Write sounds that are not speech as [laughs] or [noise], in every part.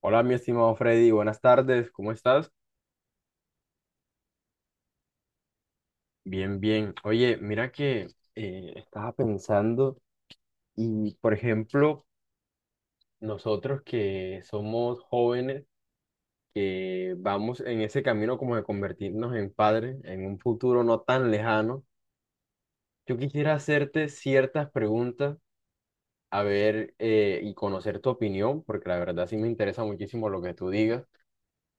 Hola, mi estimado Freddy, buenas tardes, ¿cómo estás? Bien, bien. Oye, mira que estaba pensando y, por ejemplo, nosotros que somos jóvenes, que vamos en ese camino como de convertirnos en padres en un futuro no tan lejano, yo quisiera hacerte ciertas preguntas, a ver, y conocer tu opinión, porque la verdad sí me interesa muchísimo lo que tú digas.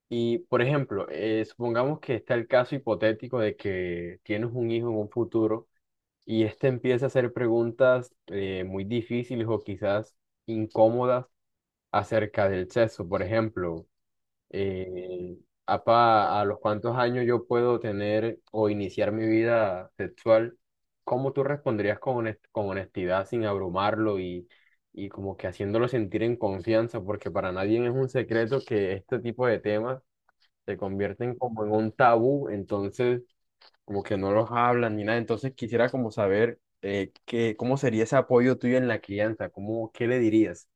Y, por ejemplo, supongamos que está el caso hipotético de que tienes un hijo en un futuro y este empieza a hacer preguntas muy difíciles o quizás incómodas acerca del sexo. Por ejemplo, eh, apa, ¿a los cuántos años yo puedo tener o iniciar mi vida sexual? ¿Cómo tú responderías con, con honestidad sin abrumarlo y como que haciéndolo sentir en confianza? Porque para nadie es un secreto que este tipo de temas se convierten como en un tabú, entonces como que no los hablan ni nada. Entonces quisiera como saber qué, cómo sería ese apoyo tuyo en la crianza, cómo, qué le dirías.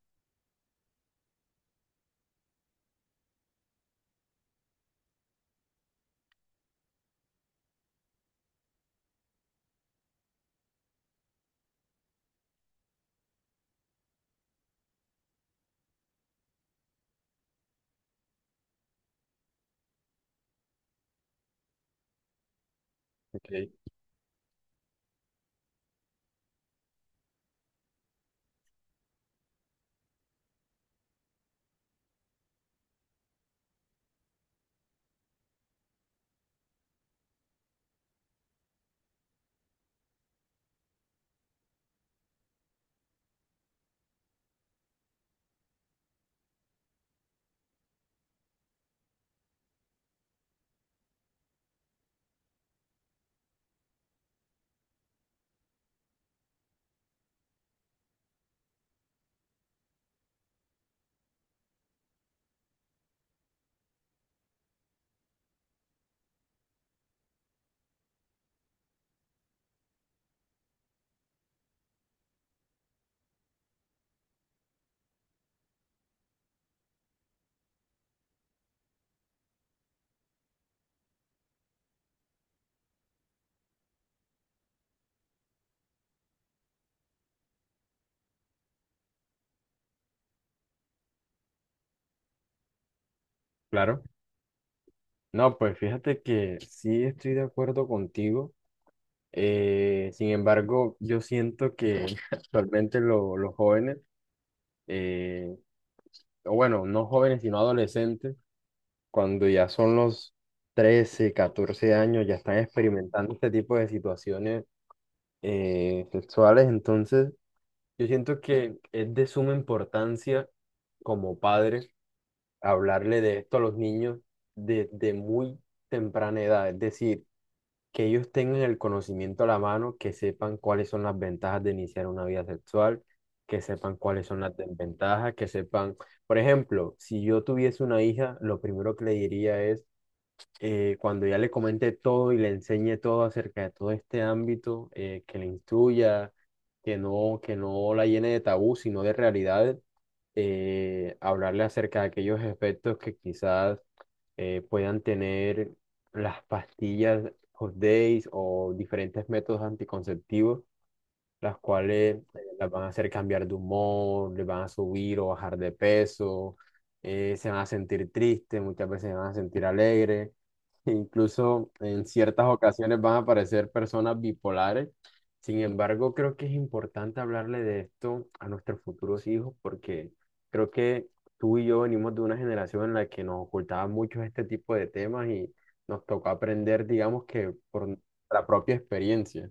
Ok, claro. No, pues fíjate que sí estoy de acuerdo contigo. Sin embargo, yo siento que [laughs] actualmente los jóvenes, eh, o bueno, no jóvenes, sino adolescentes, cuando ya son los 13 14 años, ya están experimentando este tipo de situaciones sexuales, entonces... Yo siento que es de suma importancia como padres hablarle de esto a los niños desde muy temprana edad, es decir, que ellos tengan el conocimiento a la mano, que sepan cuáles son las ventajas de iniciar una vida sexual, que sepan cuáles son las desventajas, que sepan, por ejemplo, si yo tuviese una hija, lo primero que le diría es cuando ya le comente todo y le enseñe todo acerca de todo este ámbito, que le instruya, que no la llene de tabú, sino de realidades, hablarle acerca de aquellos efectos que quizás puedan tener las pastillas Hot Days o diferentes métodos anticonceptivos las cuales las van a hacer cambiar de humor, les van a subir o bajar de peso, se van a sentir tristes, muchas veces se van a sentir alegres, [laughs] e incluso en ciertas ocasiones van a aparecer personas bipolares. Sin embargo, creo que es importante hablarle de esto a nuestros futuros hijos porque creo que tú y yo venimos de una generación en la que nos ocultaban mucho este tipo de temas y nos tocó aprender, digamos que por la propia experiencia.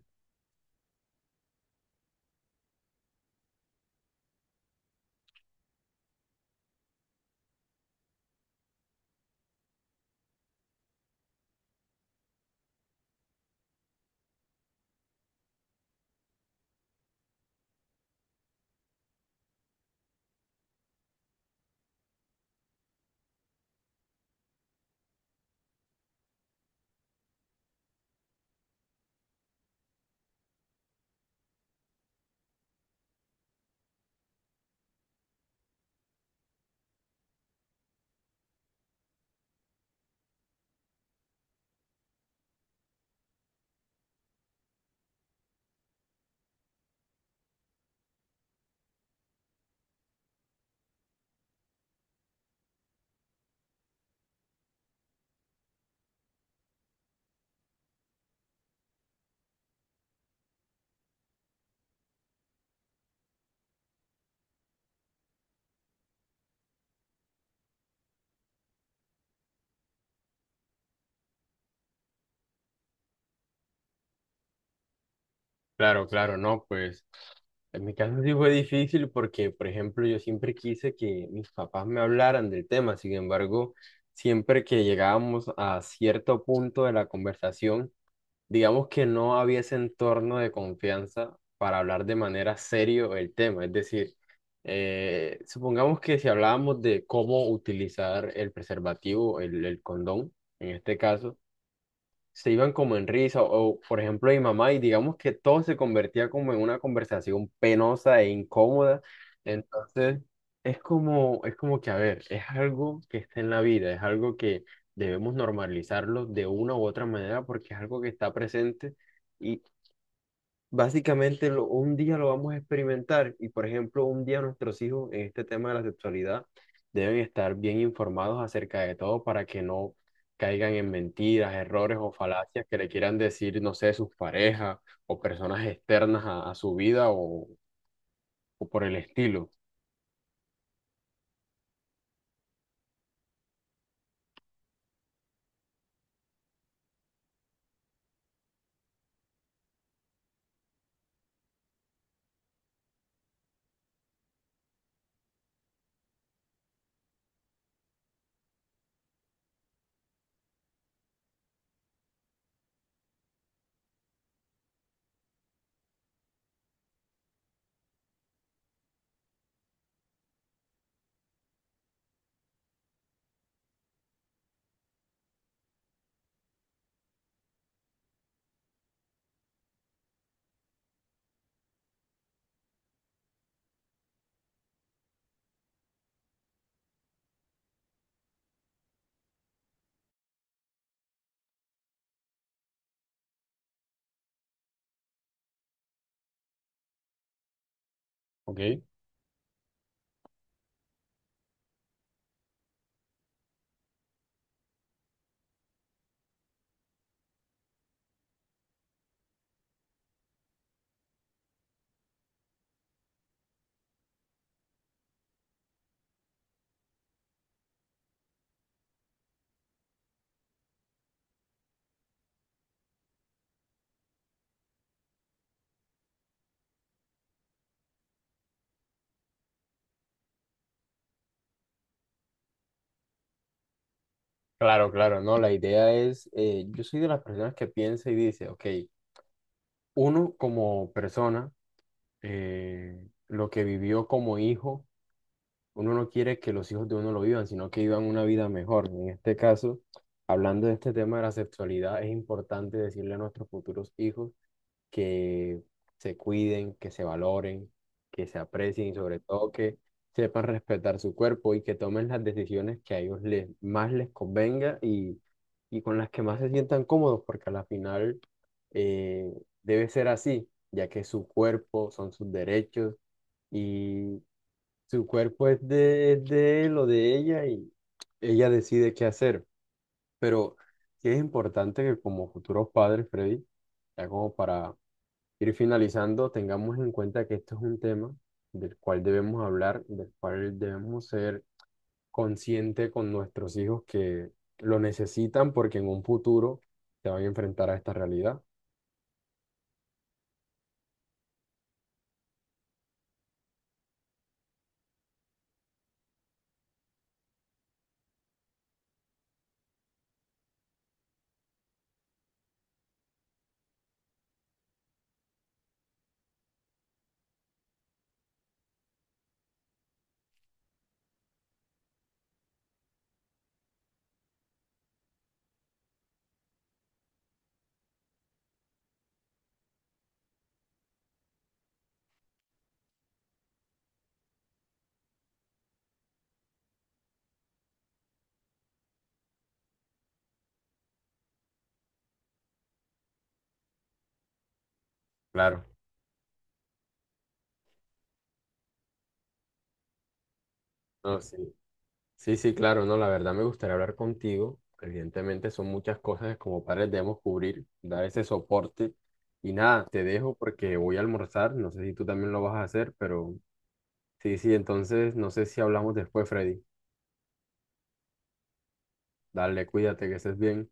Claro, claro, no, pues. En mi caso sí fue difícil porque, por ejemplo, yo siempre quise que mis papás me hablaran del tema. Sin embargo, siempre que llegábamos a cierto punto de la conversación, digamos que no había ese entorno de confianza para hablar de manera serio el tema. Es decir, supongamos que si hablábamos de cómo utilizar el preservativo, el condón, en este caso se iban como en risa o, por ejemplo, mi mamá y digamos que todo se convertía como en una conversación penosa e incómoda. Entonces, es como que, a ver, es algo que está en la vida, es algo que debemos normalizarlo de una u otra manera porque es algo que está presente. Básicamente, un día lo vamos a experimentar y, por ejemplo, un día nuestros hijos en este tema de la sexualidad deben estar bien informados acerca de todo para que no caigan en mentiras, errores o falacias que le quieran decir, no sé, sus parejas o personas externas a su vida o por el estilo, ¿ok? Claro, claro, no, la idea es, yo soy de las personas que piensa y dice, ok, uno como persona, eh, lo que vivió como hijo, uno no quiere que los hijos de uno lo vivan, sino que vivan una vida mejor. En este caso, hablando de este tema de la sexualidad, es importante decirle a nuestros futuros hijos que se cuiden, que se valoren, que se aprecien y sobre todo que sepan respetar su cuerpo y que tomen las decisiones que a ellos les, más les convenga y con las que más se sientan cómodos, porque a la final eh, debe ser así, ya que su cuerpo son sus derechos. Y su cuerpo es de él o de ella y ella decide qué hacer. Pero sí es importante que como futuros padres, Freddy, ya como para ir finalizando, tengamos en cuenta que esto es un tema del cual debemos hablar, del cual debemos ser conscientes con nuestros hijos que lo necesitan porque en un futuro se van a enfrentar a esta realidad. Claro. No, sí. Sí, sí, claro, no, la verdad me gustaría hablar contigo. Evidentemente son muchas cosas que como padres debemos cubrir, dar ese soporte. Y nada, te dejo porque voy a almorzar, no sé si tú también lo vas a hacer, pero sí, sí, entonces no sé si hablamos después, Freddy. Dale, cuídate, que estés bien.